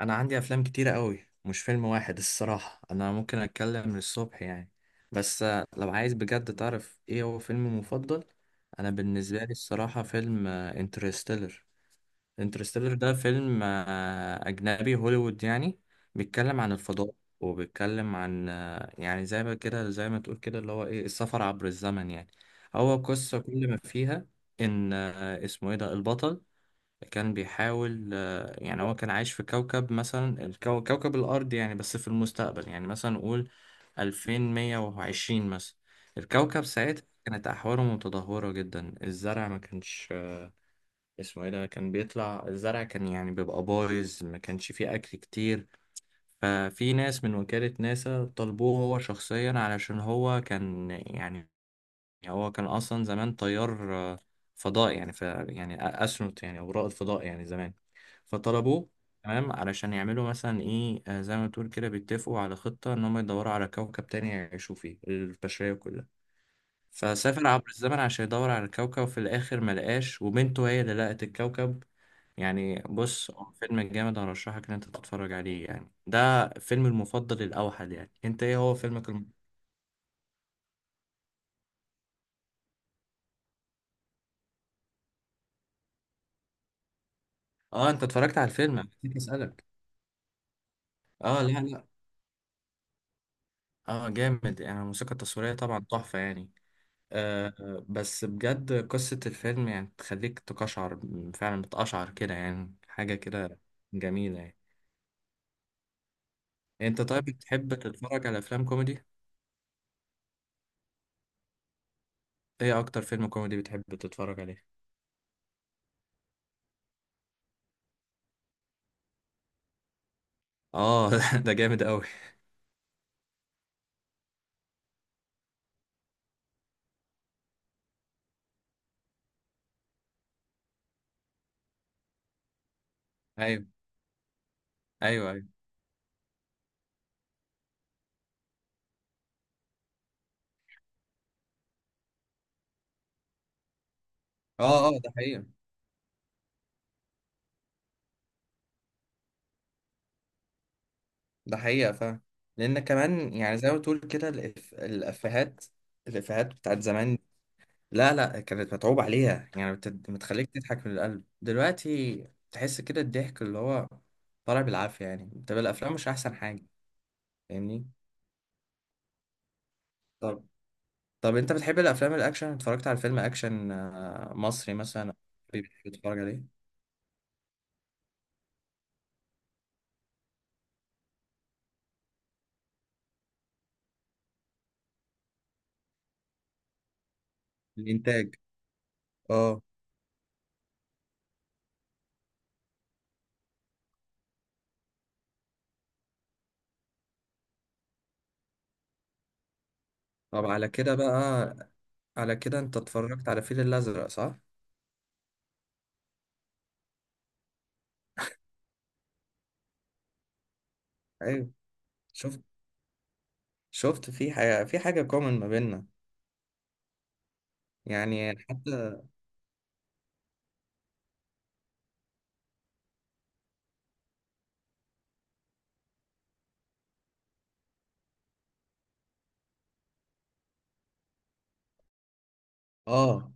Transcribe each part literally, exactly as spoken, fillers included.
انا عندي افلام كتيرة قوي، مش فيلم واحد الصراحة. انا ممكن اتكلم للصبح يعني، بس آه، لو عايز بجد تعرف ايه هو فيلمي مفضل. انا بالنسبة لي الصراحة فيلم انترستيلر. انترستيلر ده فيلم آه، اجنبي هوليوود يعني. بيتكلم عن الفضاء، وبيتكلم عن آه، يعني زي ما كده زي ما تقول كده اللي هو ايه، السفر عبر الزمن يعني. هو قصة كل ما فيها ان آه، اسمه ايه ده البطل، كان بيحاول آه، يعني هو كان عايش في كوكب مثلا، الكو- كوكب الأرض يعني، بس في المستقبل، يعني مثلا نقول ألفين ومية وعشرين مثلا. الكوكب ساعتها كانت أحواله متدهورة جدا، الزرع ما كانش آه، اسمه ايه ده، كان بيطلع الزرع كان يعني بيبقى بايظ، ما كانش فيه أكل كتير. ففي ناس من وكالة ناسا طلبوه هو شخصيا علشان هو كان يعني، يعني هو كان اصلا زمان طيار آه، فضاء يعني، ف يعني أ- استرونوت يعني، او رائد فضاء يعني زمان. فطلبوه تمام، علشان يعملوا مثلا ايه، آه، زي ما تقول كده بيتفقوا على خطة ان هم يدوروا على كوكب تاني يعيشوا فيه البشرية كلها. فسافر عبر الزمن عشان يدور على الكوكب، وفي الاخر ملقاش، وبنته هي اللي لقت الكوكب. يعني بص هو فيلم جامد، هرشحك ان انت تتفرج عليه يعني. ده فيلم المفضل الاوحد. يعني انت ايه هو فيلمك الم... اه انت اتفرجت على الفيلم؟ أنا نسيت اسالك. اه، لا لا. اه جامد يعني، الموسيقى التصويرية طبعا تحفة يعني. آه آه، بس بجد قصة الفيلم يعني تخليك تقشعر، فعلا بتقشعر كده يعني، حاجة كده جميلة يعني. انت طيب بتحب تتفرج على افلام كوميدي؟ ايه اكتر فيلم كوميدي بتحب تتفرج عليه؟ اه ده جامد قوي. ايوه ايوه ايوه. اه اه، ده حقيقة، ده حقيقة فعلا. لان كمان يعني زي ما تقول كده الإف... الافيهات الافيهات بتاعت زمان. لا لا كانت متعوب عليها يعني، بت- بتخليك تضحك من القلب. دلوقتي تحس كده الضحك اللي هو طالع بالعافية يعني. طب الأفلام مش أحسن حاجة؟ فاهمني. طب طب أنت بتحب الأفلام الأكشن؟ اتفرجت على فيلم أكشن آه، مصري مثلا؟ بتحب تتفرج عليه؟ الإنتاج. أه. طب على كده بقى، على كده أنت اتفرجت على الفيل الأزرق صح؟ أيوه. شفت، شفت في حاجة، في حاجة كومن ما بيننا. يعني حتى. أه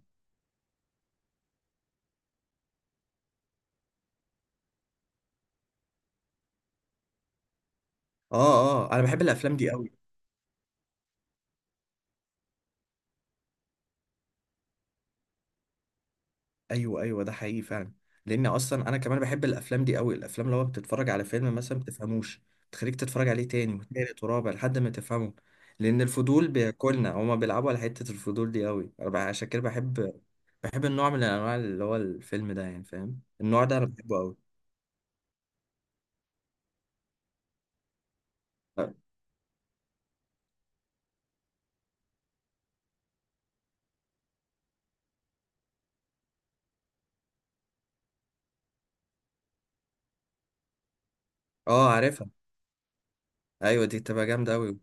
أه، أه أنا بحب الأفلام دي أوي. ايوه ايوه، ده حقيقي فعلا. لان اصلا انا كمان بحب الافلام دي قوي، الافلام اللي هو بتتفرج على فيلم مثلا ما بتفهموش، تخليك تتفرج عليه تاني وتالت ورابع لحد ما تفهمه. لان الفضول بياكلنا، هما بيلعبوا على حته الفضول دي قوي. انا بح- عشان كده بحب بحب النوع من الانواع اللي هو الفيلم ده يعني. فاهم النوع ده، انا بحبه قوي. اه عارفها. ايوه دي بتبقى جامده قوي.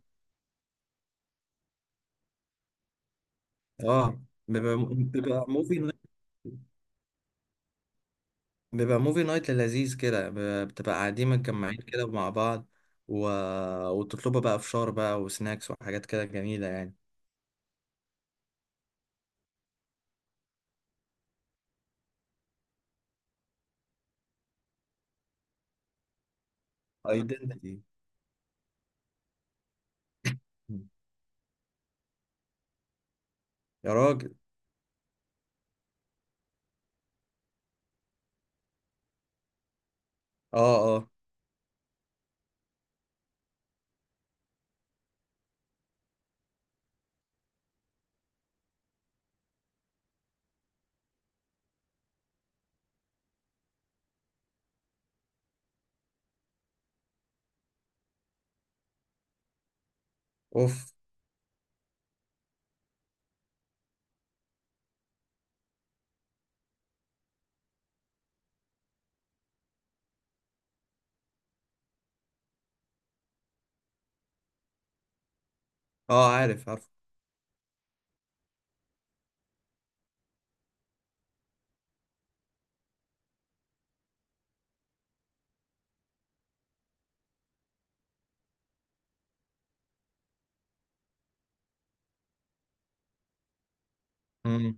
اه، بيبقى بيبقى موفي، بيبقى موفي نايت لذيذ كده، ب- بتبقى قاعدين متجمعين كده مع بعض، و... وتطلبوا بقى فشار بقى وسناكس وحاجات كده جميلة يعني. ايدنتي. يا راجل. اه اه. اوف. اه عارف عارف. مم.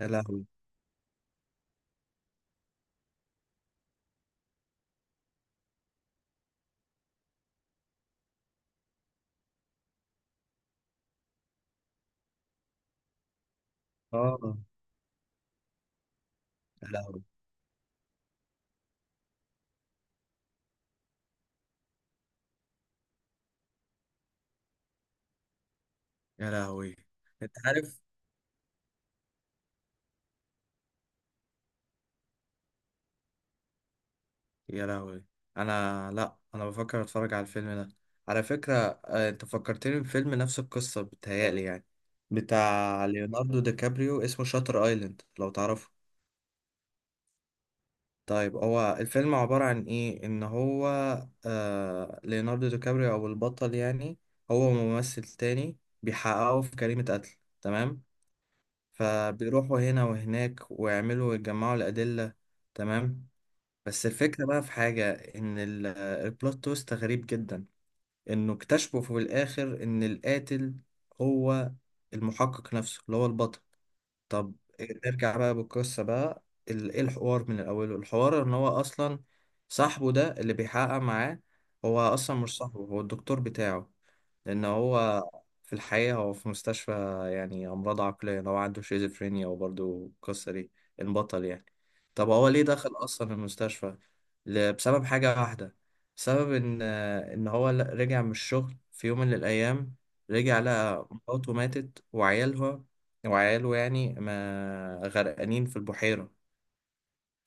يا لهوي. اه. يا لهوي. يا لهوي. انت عارف، يا لهوي، انا لا انا بفكر اتفرج على الفيلم ده، على فكرة. آه، انت فكرتني بفيلم نفس القصة بتهيألي يعني، بتاع ليوناردو دي كابريو اسمه شاتر ايلاند، لو تعرفه. طيب هو الفيلم عبارة عن إيه؟ إن هو آه ليوناردو دي كابريو أو البطل يعني، هو ممثل تاني، بيحققوا في جريمة قتل. تمام؟ فبيروحوا هنا وهناك ويعملوا ويجمعوا الأدلة. تمام؟ بس الفكرة بقى في حاجة، إن ال- آه، البلوت تويست غريب جدا. إنه اكتشفوا في الآخر إن القاتل هو المحقق نفسه اللي هو البطل. طب آه، نرجع بقى بالقصة بقى. ال- ايه الحوار من الأول؟ الحوار ان هو اصلا صاحبه ده اللي بيحقق معاه، هو اصلا مش صاحبه، هو الدكتور بتاعه. لان هو في الحقيقة هو في مستشفى، يعني امراض عقلية، لو عنده شيزوفرينيا. وبرضه القصة دي، البطل يعني، طب هو ليه دخل اصلا المستشفى؟ ل- بسبب حاجة واحدة. بسبب ان ان هو ل- رجع من الشغل في يوم من الايام، رجع لقى مراته ماتت، وعيالها وعياله يعني، ما غرقانين في البحيرة.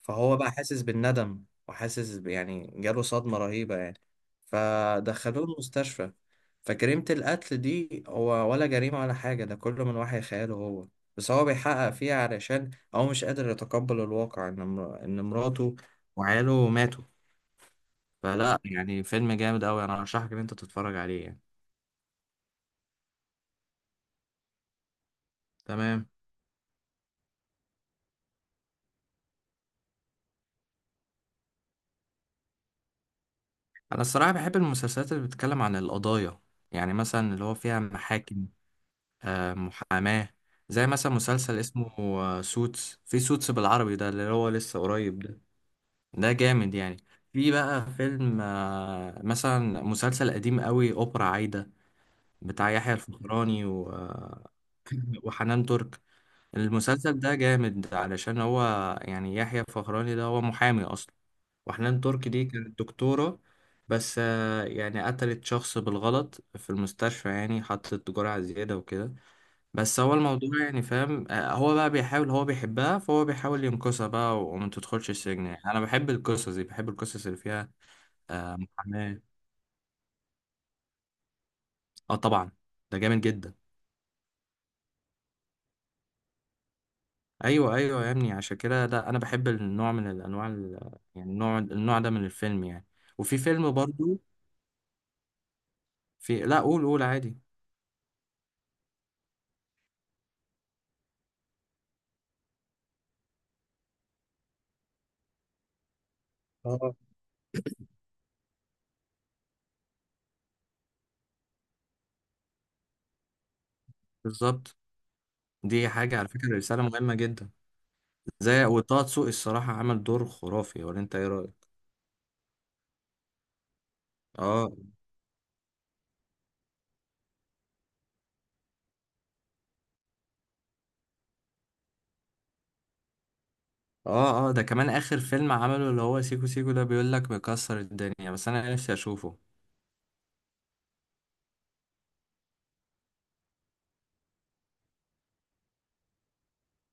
فهو بقى حاسس بالندم، وحاسس ب- يعني جاله صدمة رهيبة يعني، فدخلوه المستشفى. فجريمة القتل دي هو ولا جريمة ولا حاجة، ده كله من وحي خياله هو. بس هو بيحقق فيها علشان هو مش قادر يتقبل الواقع، إن مر- إن مراته وعياله ماتوا. فلا يعني فيلم جامد أوي، أنا أرشحك إن أنت تتفرج عليه يعني. تمام. أنا الصراحة بحب المسلسلات اللي بتتكلم عن القضايا، يعني مثلا اللي هو فيها محاكم، آه، محاماة. زي مثلا مسلسل اسمه آه، سوتس، في سوتس بالعربي ده اللي هو لسه قريب ده. ده جامد يعني. في بقى فيلم آه، مثلا مسلسل قديم قوي، أوبرا عايدة، بتاع يحيى الفخراني و- آه، وحنان ترك. المسلسل ده جامد علشان هو يعني يحيى الفخراني ده هو محامي أصلا، وحنان ترك دي كانت دكتورة، بس آه، يعني قتلت شخص بالغلط في المستشفى، يعني حطت جرعة زيادة وكده. بس هو الموضوع يعني، فاهم، آه، هو بقى بيحاول، هو بيحبها فهو بيحاول ينقذها بقى وما تدخلش السجن يعني. انا بحب القصص دي، بحب القصص اللي فيها آه، محاماة. اه طبعا، ده جامد جدا. ايوه ايوه يا ابني، عشان كده ده انا بحب النوع من الانواع ال- يعني النوع النوع ده من الفيلم يعني. وفي فيلم برضو. في لا، قول قول عادي. اه بالظبط، دي حاجة على فكرة رسالة مهمة جدا. زي وطه دسوقي الصراحة عمل دور خرافي، ولا انت ايه رأيك؟ اه اه، اه ده كمان اخر فيلم عمله اللي هو سيكو سيكو، ده بيقول لك بيكسر الدنيا، بس انا نفسي اشوفه.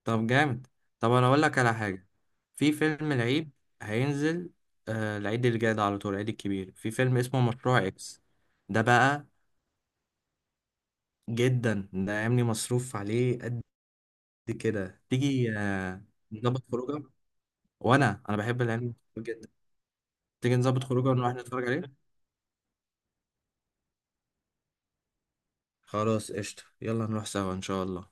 طب جامد. طب انا اقول لك على حاجه. في فيلم العيد هينزل، آه العيد اللي جاي ده، على طول العيد الكبير، في فيلم اسمه مشروع اكس. ده بقى جدا، ده عاملي مصروف عليه قد كده. تيجي آه، نظبط خروجه، وانا انا بحب العلم جدا. تيجي نظبط خروجه ونروح نتفرج عليه. خلاص قشطه، يلا نروح سوا ان شاء الله.